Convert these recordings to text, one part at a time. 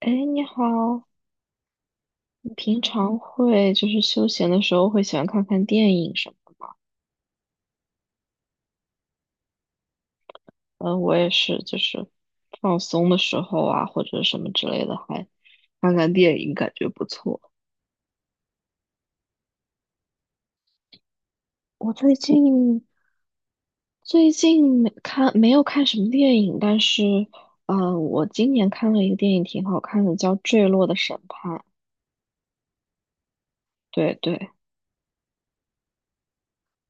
哎，你好，你平常会休闲的时候会喜欢看看电影什么的吗？嗯，我也是，就是放松的时候啊，或者什么之类的，还看看电影，感觉不错。我最近没有看什么电影，但是我今年看了一个电影挺好看的，叫《坠落的审判》。对对，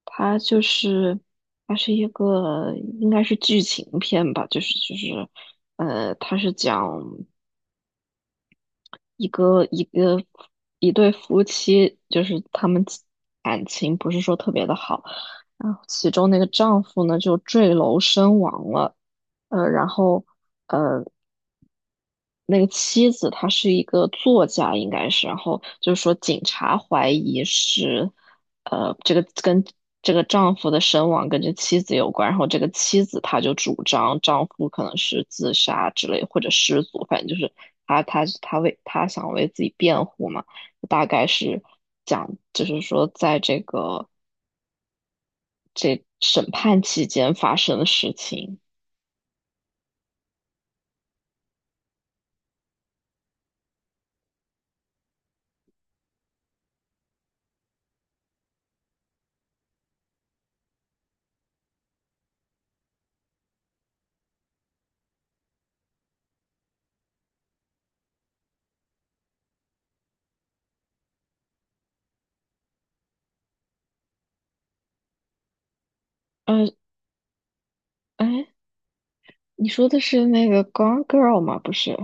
它就是它是一个应该是剧情片吧，它是讲一个一个一对夫妻，就是他们其感情不是说特别的好，然后其中那个丈夫呢就坠楼身亡了，然后呃那个妻子她是一个作家，应该是，然后就是说警察怀疑是，这个跟这个丈夫的身亡跟这妻子有关，然后这个妻子她就主张丈夫可能是自杀之类或者失足，反正就是她想为自己辩护嘛，大概是讲就是说在这审判期间发生的事情，嗯，哎，你说的是那个《Gone Girl》吗？不是。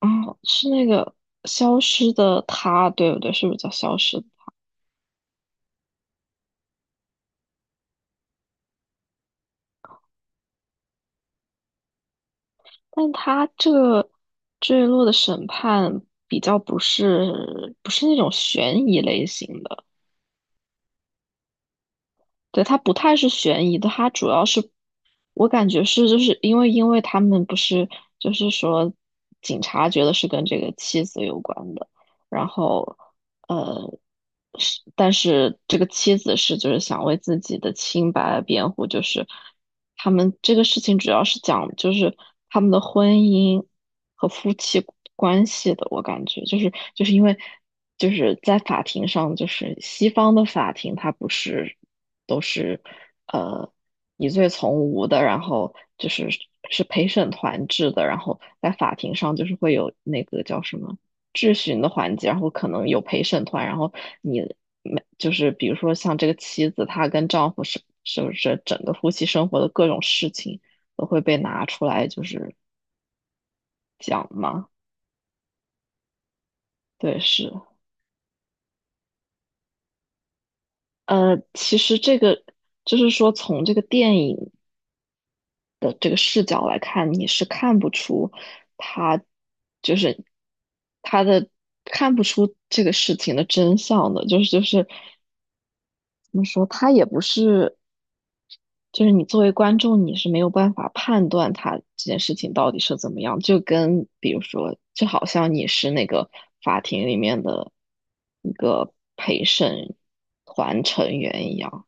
哦，是那个消失的她，对不对？是不是叫消失的？但她这个坠落的审判比较不是那种悬疑类型的。对，它不太是悬疑的，它主要是我感觉是就是因为他们不是就是说警察觉得是跟这个妻子有关的，然后呃是但是这个妻子是就是想为自己的清白辩护，就是他们这个事情主要是讲就是他们的婚姻和夫妻关系的，我感觉因为就是在法庭上，就是西方的法庭它不是。都是呃疑罪从无的，然后就是是陪审团制的，然后在法庭上就是会有那个叫什么质询的环节，然后可能有陪审团，然后你没就是比如说像这个妻子，她跟丈夫是不是整个夫妻生活的各种事情都会被拿出来就是讲嘛？对，是。其实这个就是说，从这个电影的这个视角来看，你是看不出他就是他的看不出这个事情的真相的，就是就是怎么说，他也不是，就是你作为观众，你是没有办法判断他这件事情到底是怎么样，就跟比如说，就好像你是那个法庭里面的一个陪审团成员一样。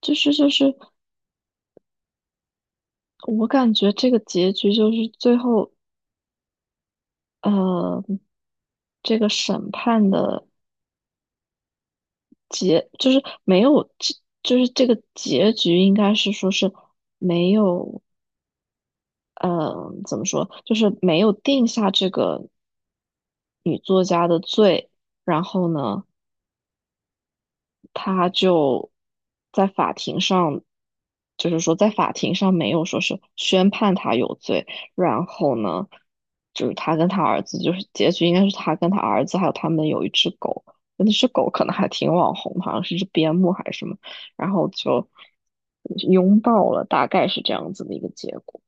就是就是，我感觉这个结局就是最后呃，这个审判的结就是没有，这就是这个结局应该是说是没有，怎么说，就是没有定下这个女作家的罪，然后呢。他就在法庭上，就是说在法庭上没有说是宣判他有罪，然后呢，就是他跟他儿子，就是结局应该是他跟他儿子还有他们有一只狗，那只狗可能还挺网红的好像是只边牧还是什么，然后就拥抱了，大概是这样子的一个结果。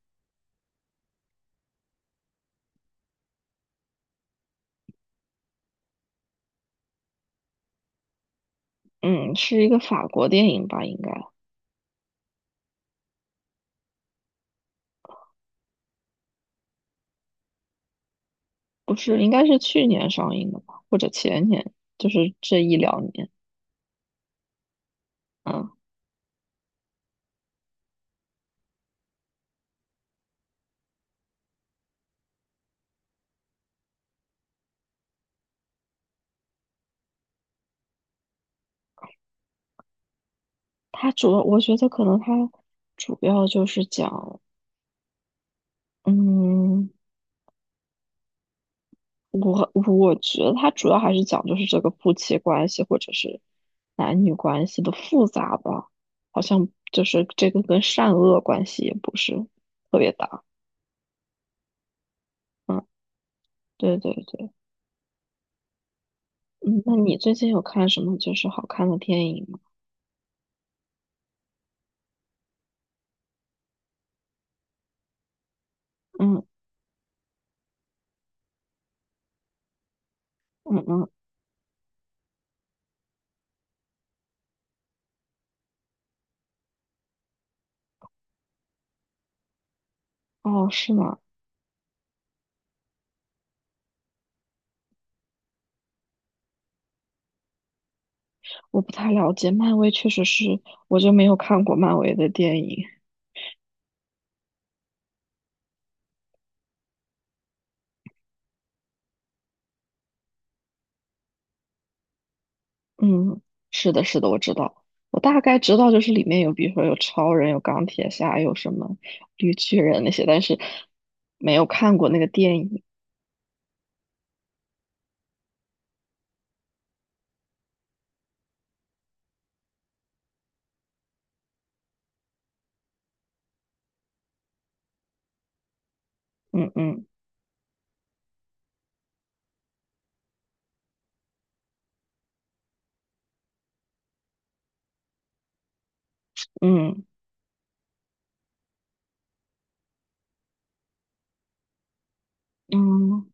嗯，是一个法国电影吧，应该不是，应该是去年上映的吧，或者前年，就是这一两年。嗯。它主要，我觉得可能它主要就是讲，嗯，我觉得它主要还是讲就是这个夫妻关系或者是男女关系的复杂吧，好像就是这个跟善恶关系也不是特别大。嗯，对对对，嗯，那你最近有看什么就是好看的电影吗？嗯嗯嗯，哦，是吗？我不太了解，漫威确实是，我就没有看过漫威的电影。嗯，是的，是的，我知道，我大概知道，就是里面有，比如说有超人，有钢铁侠，有什么绿巨人那些，但是没有看过那个电影。嗯嗯嗯嗯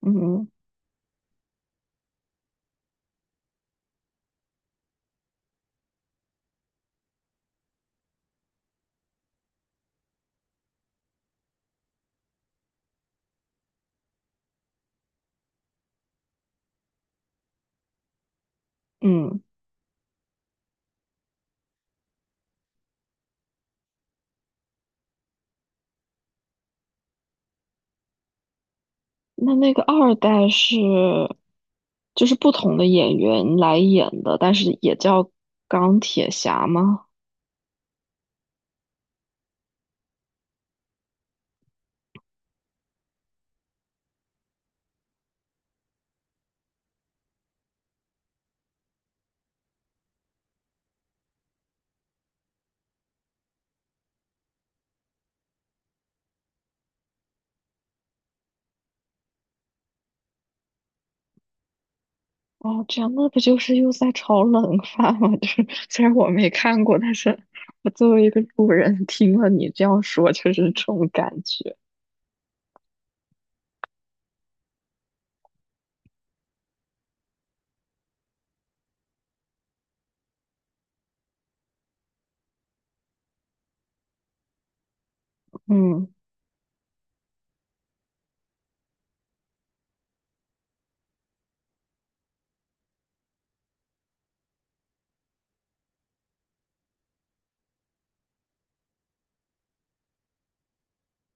嗯嗯，那那个二代是就是不同的演员来演的，但是也叫钢铁侠吗？哦，这样那不就是又在炒冷饭吗？就是虽然我没看过，但是我作为一个路人听了你这样说，就是这种感觉。嗯，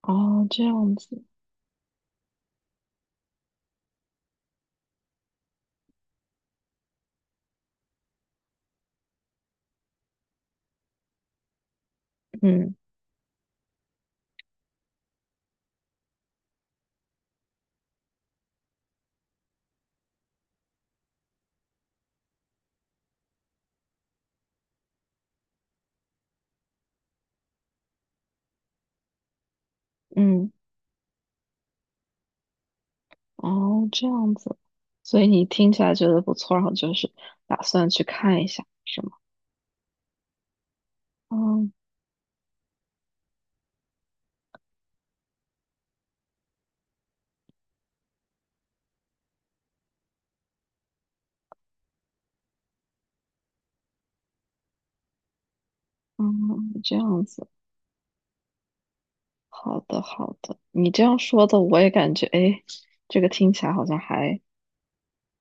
哦，这样子，嗯嗯，哦，这样子，所以你听起来觉得不错，然后就是打算去看一下，是吗？嗯嗯，这样子，好的好的，你这样说的我也感觉，哎，这个听起来好像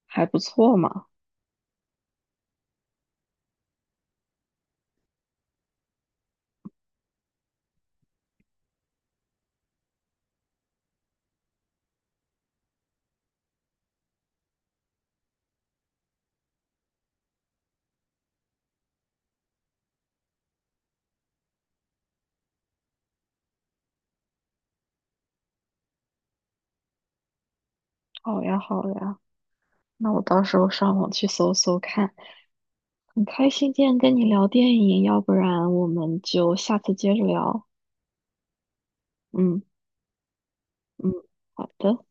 还不错嘛。好呀好呀。那我到时候上网去搜搜看。很开心今天跟你聊电影，要不然我们就下次接着聊。嗯嗯，好的。